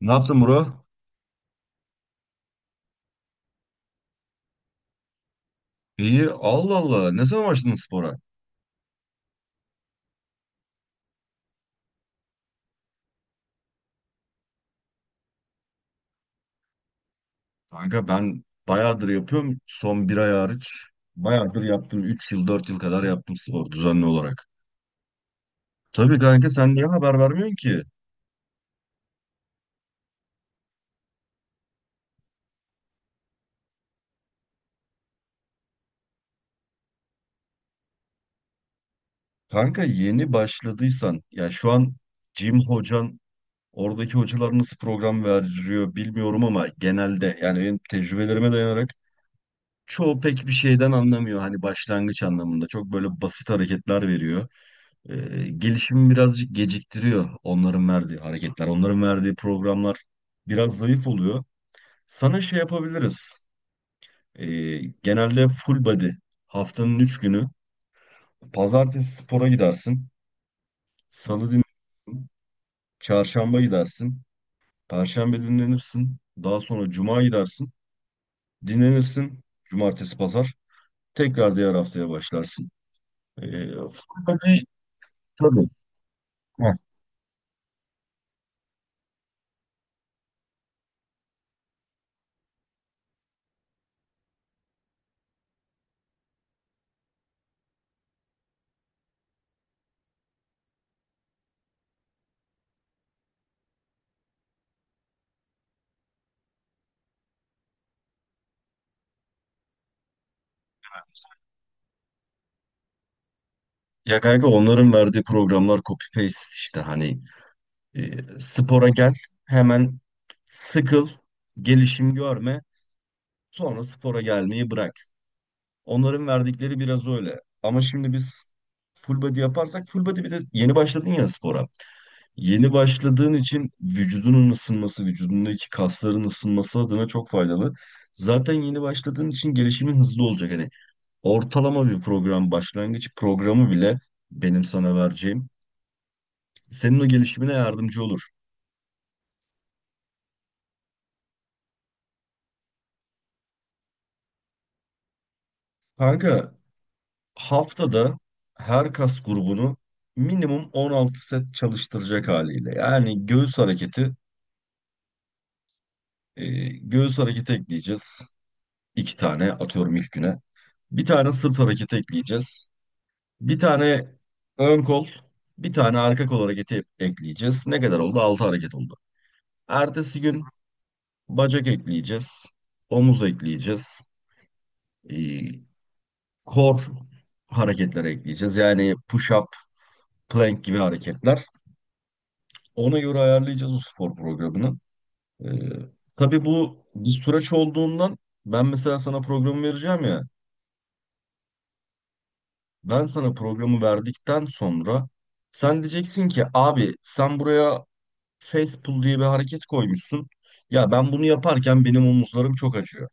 Ne yaptın bro? İyi. Allah Allah. Ne zaman başladın spora? Kanka ben bayağıdır yapıyorum. Son bir ay hariç. Bayağıdır yaptım. 3 yıl 4 yıl kadar yaptım spor düzenli olarak. Tabii kanka sen niye haber vermiyorsun ki? Kanka yeni başladıysan ya şu an Jim hocan, oradaki hocalar nasıl program veriyor bilmiyorum ama genelde benim tecrübelerime dayanarak çoğu pek bir şeyden anlamıyor. Hani başlangıç anlamında çok böyle basit hareketler veriyor. E, Gelişimi birazcık geciktiriyor, onların verdiği hareketler, onların verdiği programlar biraz zayıf oluyor. Sana şey yapabiliriz. E, Genelde full body haftanın 3 günü: pazartesi spora gidersin, salı dinlenirsin, çarşamba gidersin, perşembe dinlenirsin, daha sonra cuma gidersin, dinlenirsin, cumartesi pazar tekrar diğer haftaya başlarsın. E, Full body tabii. Heh. Ya kanka, onların verdiği programlar copy paste işte hani. E, Spora gel, hemen sıkıl, gelişim görme, sonra spora gelmeyi bırak. Onların verdikleri biraz öyle. Ama şimdi biz full body yaparsak, full body bir de yeni başladın ya spora. Yeni başladığın için vücudunun ısınması, vücudundaki kasların ısınması adına çok faydalı. Zaten yeni başladığın için gelişimin hızlı olacak. Hani ortalama bir program, başlangıç programı bile benim sana vereceğim senin o gelişimine yardımcı olur. Kanka, haftada her kas grubunu minimum 16 set çalıştıracak haliyle. Yani göğüs hareketi, göğüs hareketi ekleyeceğiz. İki tane atıyorum ilk güne. Bir tane sırt hareketi ekleyeceğiz. Bir tane ön kol, bir tane arka kol hareketi ekleyeceğiz. Ne kadar oldu? 6 hareket oldu. Ertesi gün bacak ekleyeceğiz. Omuz ekleyeceğiz. E, Kor hareketleri ekleyeceğiz. Yani push-up, plank gibi hareketler. Ona göre ayarlayacağız o spor programını. Ee, tabii bu bir süreç olduğundan, ben mesela sana programı vereceğim ya. Ben sana programı verdikten sonra sen diyeceksin ki, abi sen buraya face pull diye bir hareket koymuşsun. Ya ben bunu yaparken benim omuzlarım çok acıyor.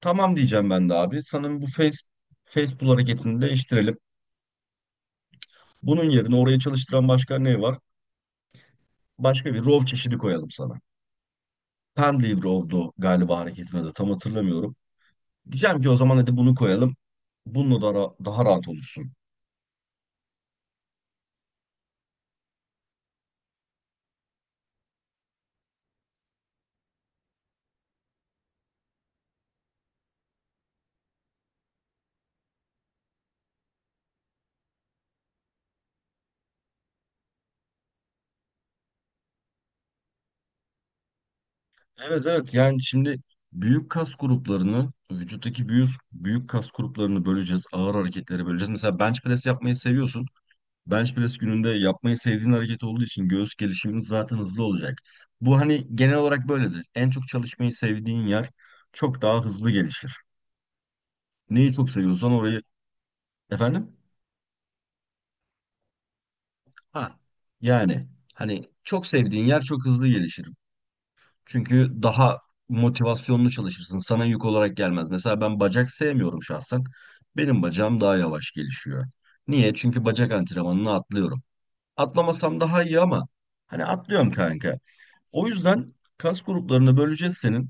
Tamam diyeceğim ben de, abi sana bu face pull hareketini değiştirelim. Bunun yerine oraya çalıştıran başka ne var? Başka bir row çeşidi koyalım sana. Pendlay row'du galiba hareketin adı, tam hatırlamıyorum. Diyeceğim ki o zaman hadi bunu koyalım. Bununla da daha rahat olursun. Evet evet, şimdi büyük kas gruplarını, vücuttaki büyük kas gruplarını böleceğiz. Ağır hareketlere böleceğiz. Mesela bench press yapmayı seviyorsun. Bench press gününde yapmayı sevdiğin hareket olduğu için göğüs gelişimin zaten hızlı olacak. Bu hani genel olarak böyledir. En çok çalışmayı sevdiğin yer çok daha hızlı gelişir. Neyi çok seviyorsan orayı. Efendim? Ha. Yani Hani çok sevdiğin yer çok hızlı gelişir. Çünkü daha motivasyonlu çalışırsın. Sana yük olarak gelmez. Mesela ben bacak sevmiyorum şahsen. Benim bacağım daha yavaş gelişiyor. Niye? Çünkü bacak antrenmanını atlıyorum. Atlamasam daha iyi ama hani atlıyorum kanka. O yüzden kas gruplarını böleceğiz senin.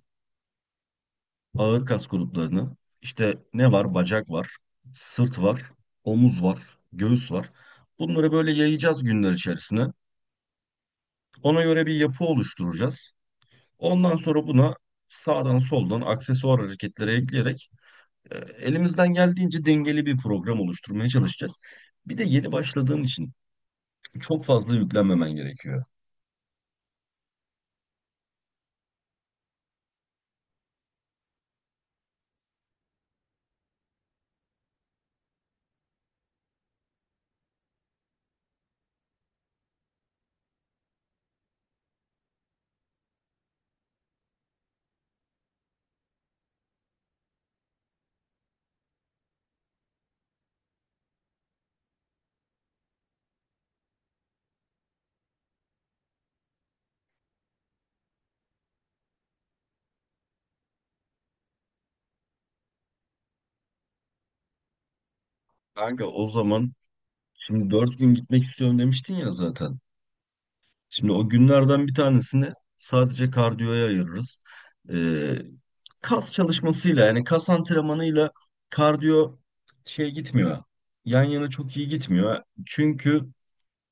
Ağır kas gruplarını. İşte ne var? Bacak var, sırt var, omuz var, göğüs var. Bunları böyle yayacağız günler içerisine. Ona göre bir yapı oluşturacağız. Ondan sonra buna sağdan soldan aksesuar hareketlere ekleyerek, elimizden geldiğince dengeli bir program oluşturmaya çalışacağız. Bir de yeni başladığın için çok fazla yüklenmemen gerekiyor. Kanka o zaman, şimdi 4 gün gitmek istiyorum demiştin ya zaten. Şimdi o günlerden bir tanesini sadece kardiyoya ayırırız. E, Kas çalışmasıyla, yani kas antrenmanıyla kardiyo şey gitmiyor. Yan yana çok iyi gitmiyor. Çünkü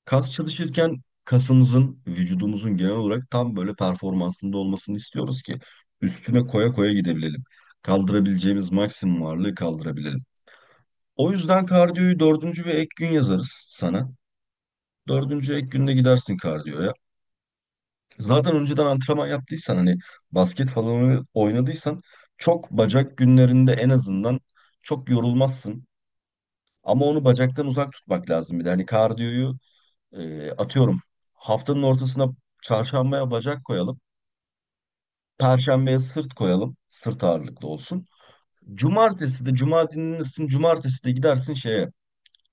kas çalışırken kasımızın, vücudumuzun genel olarak tam böyle performansında olmasını istiyoruz ki üstüne koya koya gidebilelim. Kaldırabileceğimiz maksimum ağırlığı kaldırabilelim. O yüzden kardiyoyu dördüncü ve ek gün yazarız sana. Dördüncü ek günde gidersin kardiyoya. Zaten önceden antrenman yaptıysan, hani basket falan oynadıysan, çok bacak günlerinde en azından çok yorulmazsın. Ama onu bacaktan uzak tutmak lazım bir de. Hani kardiyoyu. Atıyorum haftanın ortasına, çarşambaya bacak koyalım. Perşembeye sırt koyalım. Sırt ağırlıklı olsun. Cumartesi de cuma dinlenirsin. Cumartesi de gidersin şeye,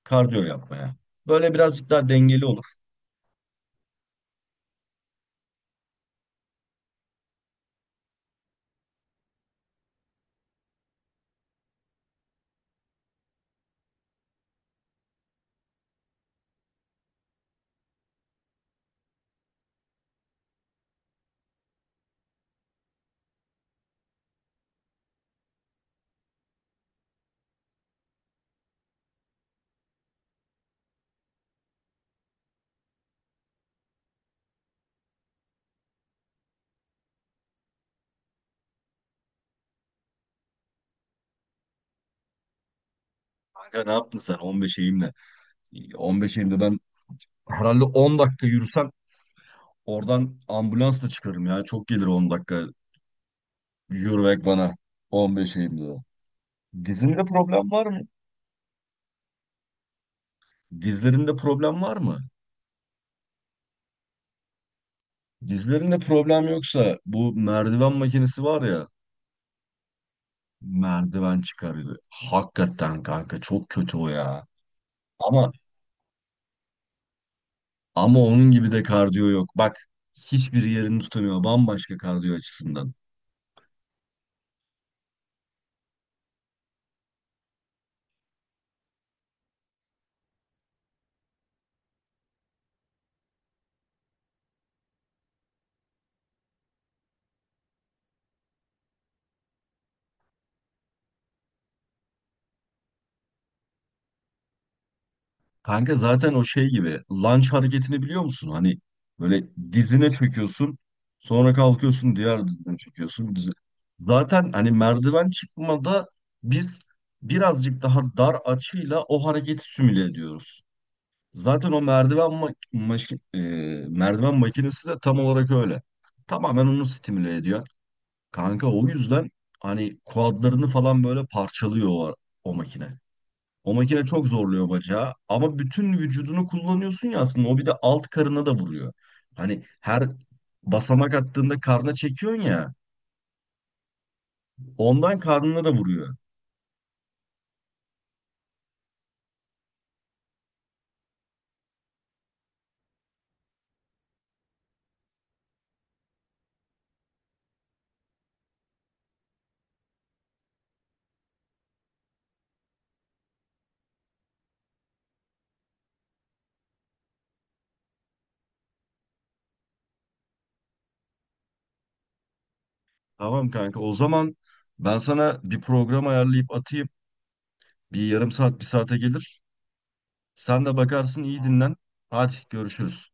kardiyo yapmaya. Böyle birazcık daha dengeli olur. Kanka, ne yaptın sen 15 eğimle? 15 eğimde ben herhalde 10 dakika yürüsem oradan ambulansla çıkarım ya. Çok gelir 10 dakika yürümek bana 15 eğimde. Dizinde problem var mı? Dizlerinde problem var mı? Dizlerinde problem yoksa, bu merdiven makinesi var ya, merdiven çıkarıyor. Hakikaten kanka çok kötü o ya. Ama ama onun gibi de kardiyo yok. Bak, hiçbir yerini tutamıyor, bambaşka kardiyo açısından. Kanka, zaten o şey gibi, lunge hareketini biliyor musun? Hani böyle dizine çöküyorsun, sonra kalkıyorsun diğer dizine çöküyorsun. Dizi. Zaten hani merdiven çıkmada biz birazcık daha dar açıyla o hareketi simüle ediyoruz. Zaten o merdiven makinesi de tam olarak öyle. Tamamen onu stimüle ediyor. Kanka o yüzden hani kuadlarını falan böyle parçalıyor o makine. O makine çok zorluyor bacağı ama bütün vücudunu kullanıyorsun ya, aslında o bir de alt karına da vuruyor. Hani her basamak attığında karna çekiyorsun ya, ondan karnına da vuruyor. Tamam kanka, o zaman ben sana bir program ayarlayıp atayım. Bir yarım saat bir saate gelir. Sen de bakarsın, iyi dinlen. Hadi görüşürüz.